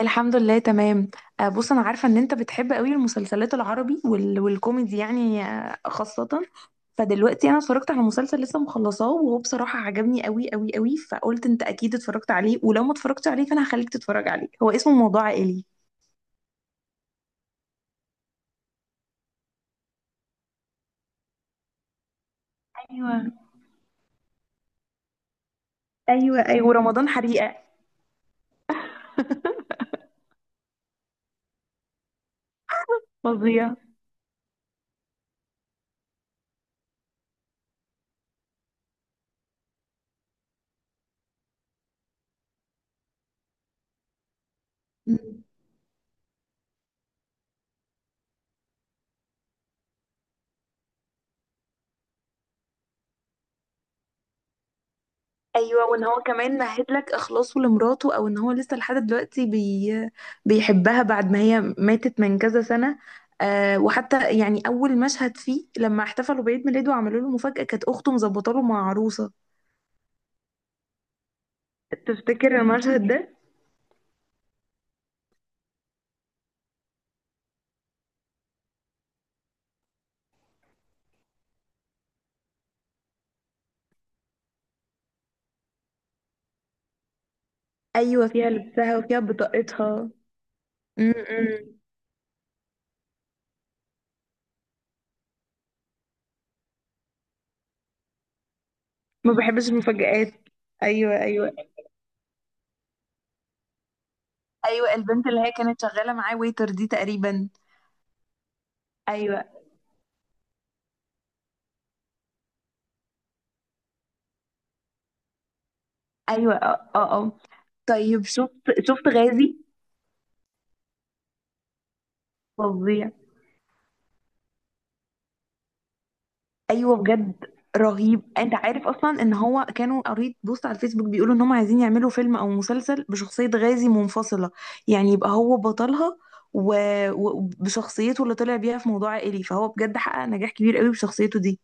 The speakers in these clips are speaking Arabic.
الحمد لله تمام. بص انا عارفه ان انت بتحب قوي المسلسلات العربي والكوميدي يعني خاصه. فدلوقتي انا اتفرجت على مسلسل لسه مخلصاه، وهو بصراحه عجبني قوي قوي قوي، فقلت انت اكيد اتفرجت عليه، ولو ما اتفرجتش عليه فانا هخليك تتفرج عليه. هو اسمه موضوع عائلي. ايوه، ايوه، ايوه، ورمضان حريقه. فظيع. ايوه، وان هو كمان مهد لك اخلاصه لمراته، او ان هو لسه لحد دلوقتي بيحبها بعد ما هي ماتت من كذا سنه. وحتى يعني اول مشهد فيه لما احتفلوا بعيد ميلاده وعملوا له مفاجاه، كانت اخته مظبطه له مع عروسه. تفتكر المشهد ده؟ ايوه، فيها لبسها وفيها بطاقتها. امم ما بحبش المفاجآت. ايوه، ايوه. ايوه، البنت اللي هي كانت شغاله معاه ويتر دي تقريبا. ايوه، ايوه، اه، اه، آه. طيب، شفت؟ شفت غازي؟ فظيع. ايوه بجد. رهيب. انت عارف اصلا ان هو كانوا قريت بوست على الفيسبوك بيقولوا ان هم عايزين يعملوا فيلم او مسلسل بشخصية غازي منفصلة؟ يعني يبقى هو بطلها. و- و- وبشخصيته اللي طلع بيها في موضوع عائلي، فهو بجد حقق نجاح كبير قوي بشخصيته دي.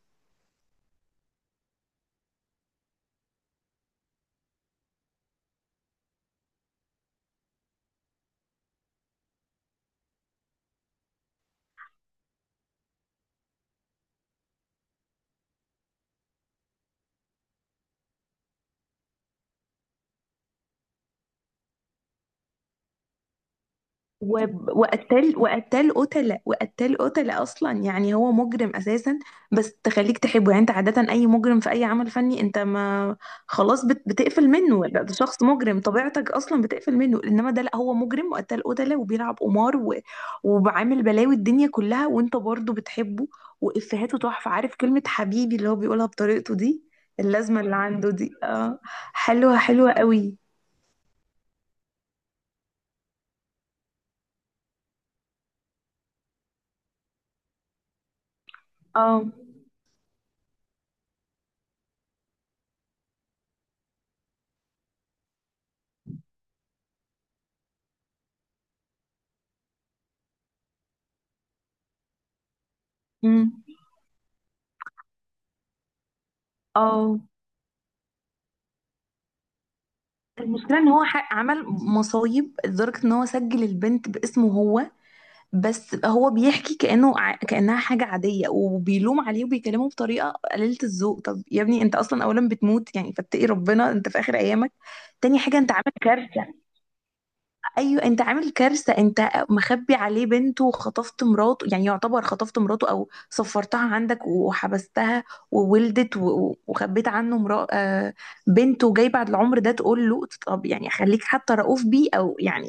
و- وقتل قتلة وقتل قتلة، اصلا يعني هو مجرم اساسا. بس تخليك تحبه، يعني انت عادة اي مجرم في اي عمل فني انت ما خلاص بتقفل منه، لا ده شخص مجرم طبيعتك اصلا بتقفل منه. انما ده لا، هو مجرم وقتل قتلة وبيلعب قمار. وبعامل بلاوي الدنيا كلها وانت برضه بتحبه. وافهاته تحفة. عارف كلمة حبيبي اللي هو بيقولها بطريقته دي؟ اللازمة اللي عنده دي، اه. حلوة حلوة قوي. اه، امم، اه. المشكلة ان هو عمل مصايب لدرجة ان هو سجل البنت باسمه هو. بس هو بيحكي كأنه كأنها حاجة عادية، وبيلوم عليه وبيكلمه بطريقة قليلة الذوق. طب يا ابني انت اصلا اولا بتموت، يعني فاتقي ربنا انت في اخر ايامك. تاني حاجة، انت عامل كارثة. ايوه، انت عامل كارثه، انت مخبي عليه بنته وخطفت مراته، يعني يعتبر خطفت مراته او سفرتها عندك وحبستها. وولدت وخبيت عنه مرا... آه، بنته جاي بعد العمر ده تقول له. طب يعني خليك حتى رؤوف بيه، او يعني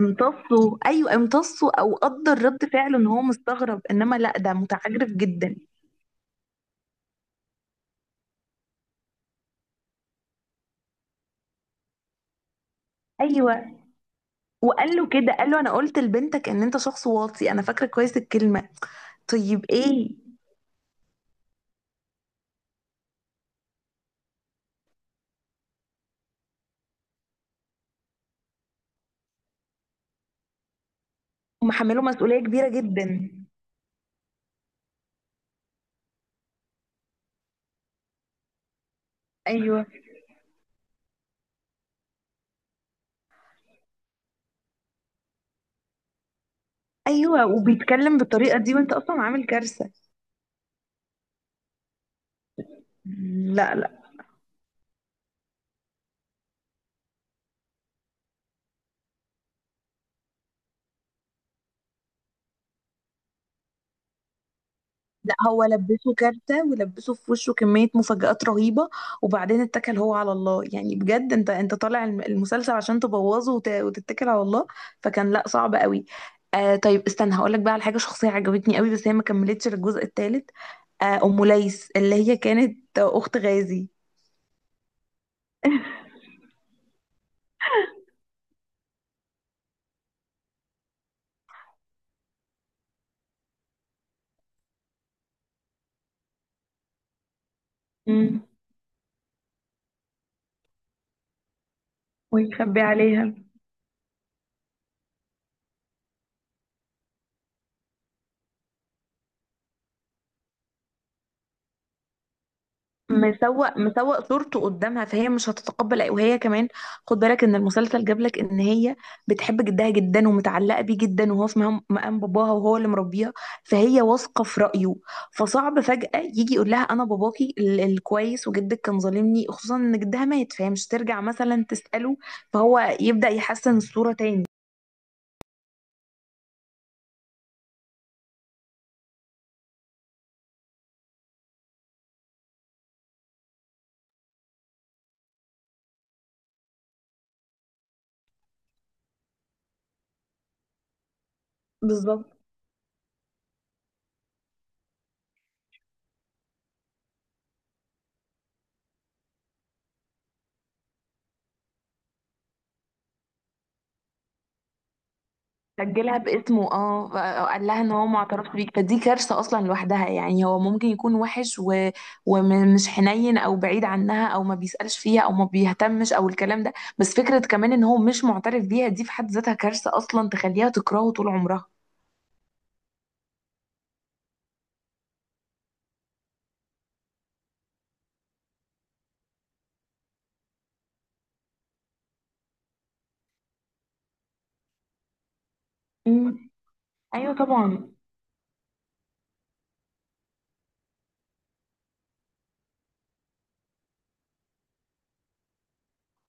امتصه، ايوه امتصه، او قدر رد فعله ان هو مستغرب. انما لا، ده متعجرف جدا. ايوه، وقال له كده، قال له انا قلت لبنتك ان انت شخص واطي. انا فاكره كويس الكلمه. طيب، ايه؟ هم حملوا مسؤوليه كبيره جدا. ايوه، ايوه، وبيتكلم بالطريقه دي وانت اصلا عامل كارثه. لا، لا، لا هو لبسه كارثة، ولبسه في وشه كمية مفاجآت رهيبة. وبعدين اتكل هو على الله، يعني بجد انت طالع المسلسل عشان تبوظه وتتكل على الله. فكان، لا، صعب قوي. طيب استنى هقولك بقى على حاجة شخصية عجبتني قوي، بس هي ما كملتش للجزء الثالث. أم ليس اللي هي كانت أخت غازي. امم ويخبي عليها. مسوق مسوق صورته قدامها، فهي مش هتتقبل وهي كمان خد بالك ان المسلسل جاب لك ان هي بتحب جدها جدا ومتعلقه بيه جدا، وهو في مقام باباها، وهو اللي مربيها. فهي واثقه في رايه. فصعب فجاه يجي يقول لها انا باباكي الكويس، وجدك كان ظالمني. خصوصا ان جدها مات فهي مش ترجع مثلا تساله. فهو يبدا يحسن الصوره تاني. بالظبط. سجلها باسمه، اه، قال لها ان هو ما اعترفش بيك. فدي كارثه اصلا لوحدها، يعني هو ممكن يكون وحش. ومش حنين، او بعيد عنها، او ما بيسالش فيها، او ما بيهتمش، او الكلام ده. بس فكره كمان ان هو مش معترف بيها، دي في حد ذاتها كارثه اصلا تخليها تكرهه طول عمرها. مم. ايوه طبعا.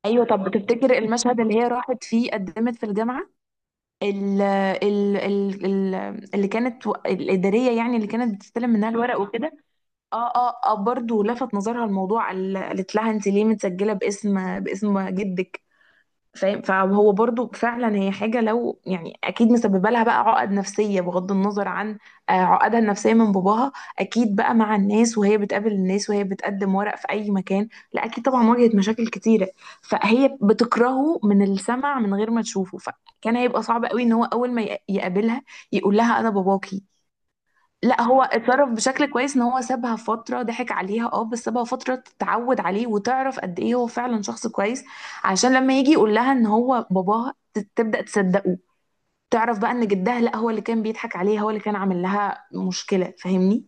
ايوه، طب تفتكر المشهد اللي هي راحت فيه قدمت في الجامعه؟ ال ال ال ال اللي كانت، الاداريه يعني اللي كانت بتستلم منها الورق وكده. اه، اه، اه، برضه لفت نظرها الموضوع. قالت لها انت ليه متسجله باسم جدك؟ فاهم؟ فهو برضه فعلا، هي حاجه لو يعني اكيد مسببه لها بقى عقد نفسيه، بغض النظر عن عقدها النفسيه من باباها. اكيد بقى مع الناس، وهي بتقابل الناس، وهي بتقدم ورق في اي مكان. لا، اكيد طبعا واجهت مشاكل كتيره. فهي بتكرهه من السمع من غير ما تشوفه، فكان هيبقى صعب قوي ان هو اول ما يقابلها يقول لها انا باباكي. لا، هو اتصرف بشكل كويس، ان هو سابها فترة ضحك عليها، اه، بس سابها فترة تتعود عليه وتعرف قد ايه هو فعلا شخص كويس. عشان لما يجي يقول لها ان هو باباها تبدأ تصدقه. تعرف بقى ان جدها، لا، هو اللي كان بيضحك عليها، هو اللي كان عامل لها مشكلة. فاهمني؟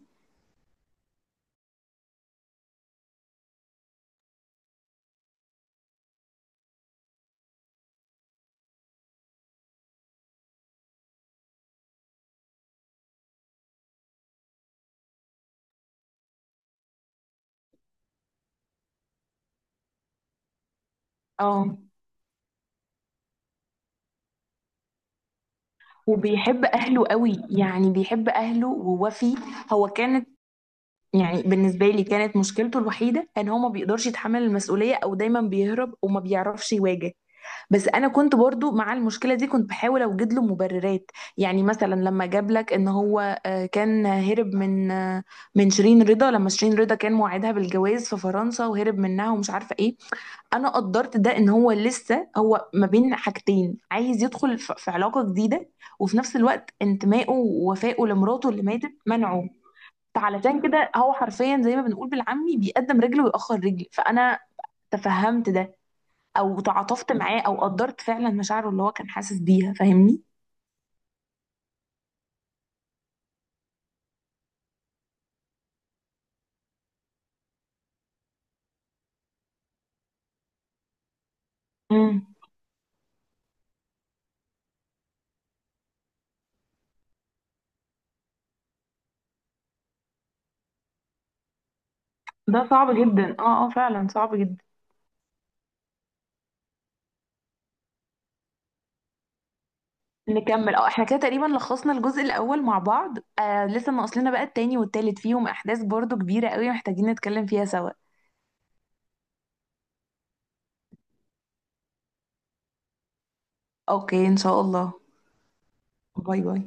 اه، وبيحب اهله قوي، يعني بيحب اهله ووفي. هو كانت... يعني بالنسبة لي كانت مشكلته الوحيدة ان هو ما بيقدرش يتحمل المسؤولية، او دايما بيهرب وما بيعرفش يواجه. بس انا كنت برضو مع المشكله دي كنت بحاول اوجد له مبررات. يعني مثلا لما جاب لك ان هو كان هرب من شيرين رضا، لما شيرين رضا كان موعدها بالجواز في فرنسا وهرب منها ومش عارفه ايه. انا قدرت ده، ان هو لسه هو ما بين حاجتين، عايز يدخل في علاقه جديده، وفي نفس الوقت انتمائه ووفائه لمراته اللي ماتت منعه. فعلشان كده هو حرفيا زي ما بنقول بالعامي، بيقدم رجل ويأخر رجل. فانا تفهمت ده. او تعاطفت معاه، او قدرت فعلا مشاعره اللي هو كان حاسس بيها. فاهمني؟ امم ده صعب جدا، اه، اه، فعلا صعب جدا. نكمل، اه، احنا كده تقريبا لخصنا الجزء الاول مع بعض. لسه ناقص لنا بقى التاني والتالت، فيهم احداث برضو كبيرة قوي محتاجين نتكلم فيها سوا. اوكي ان شاء الله. باي باي.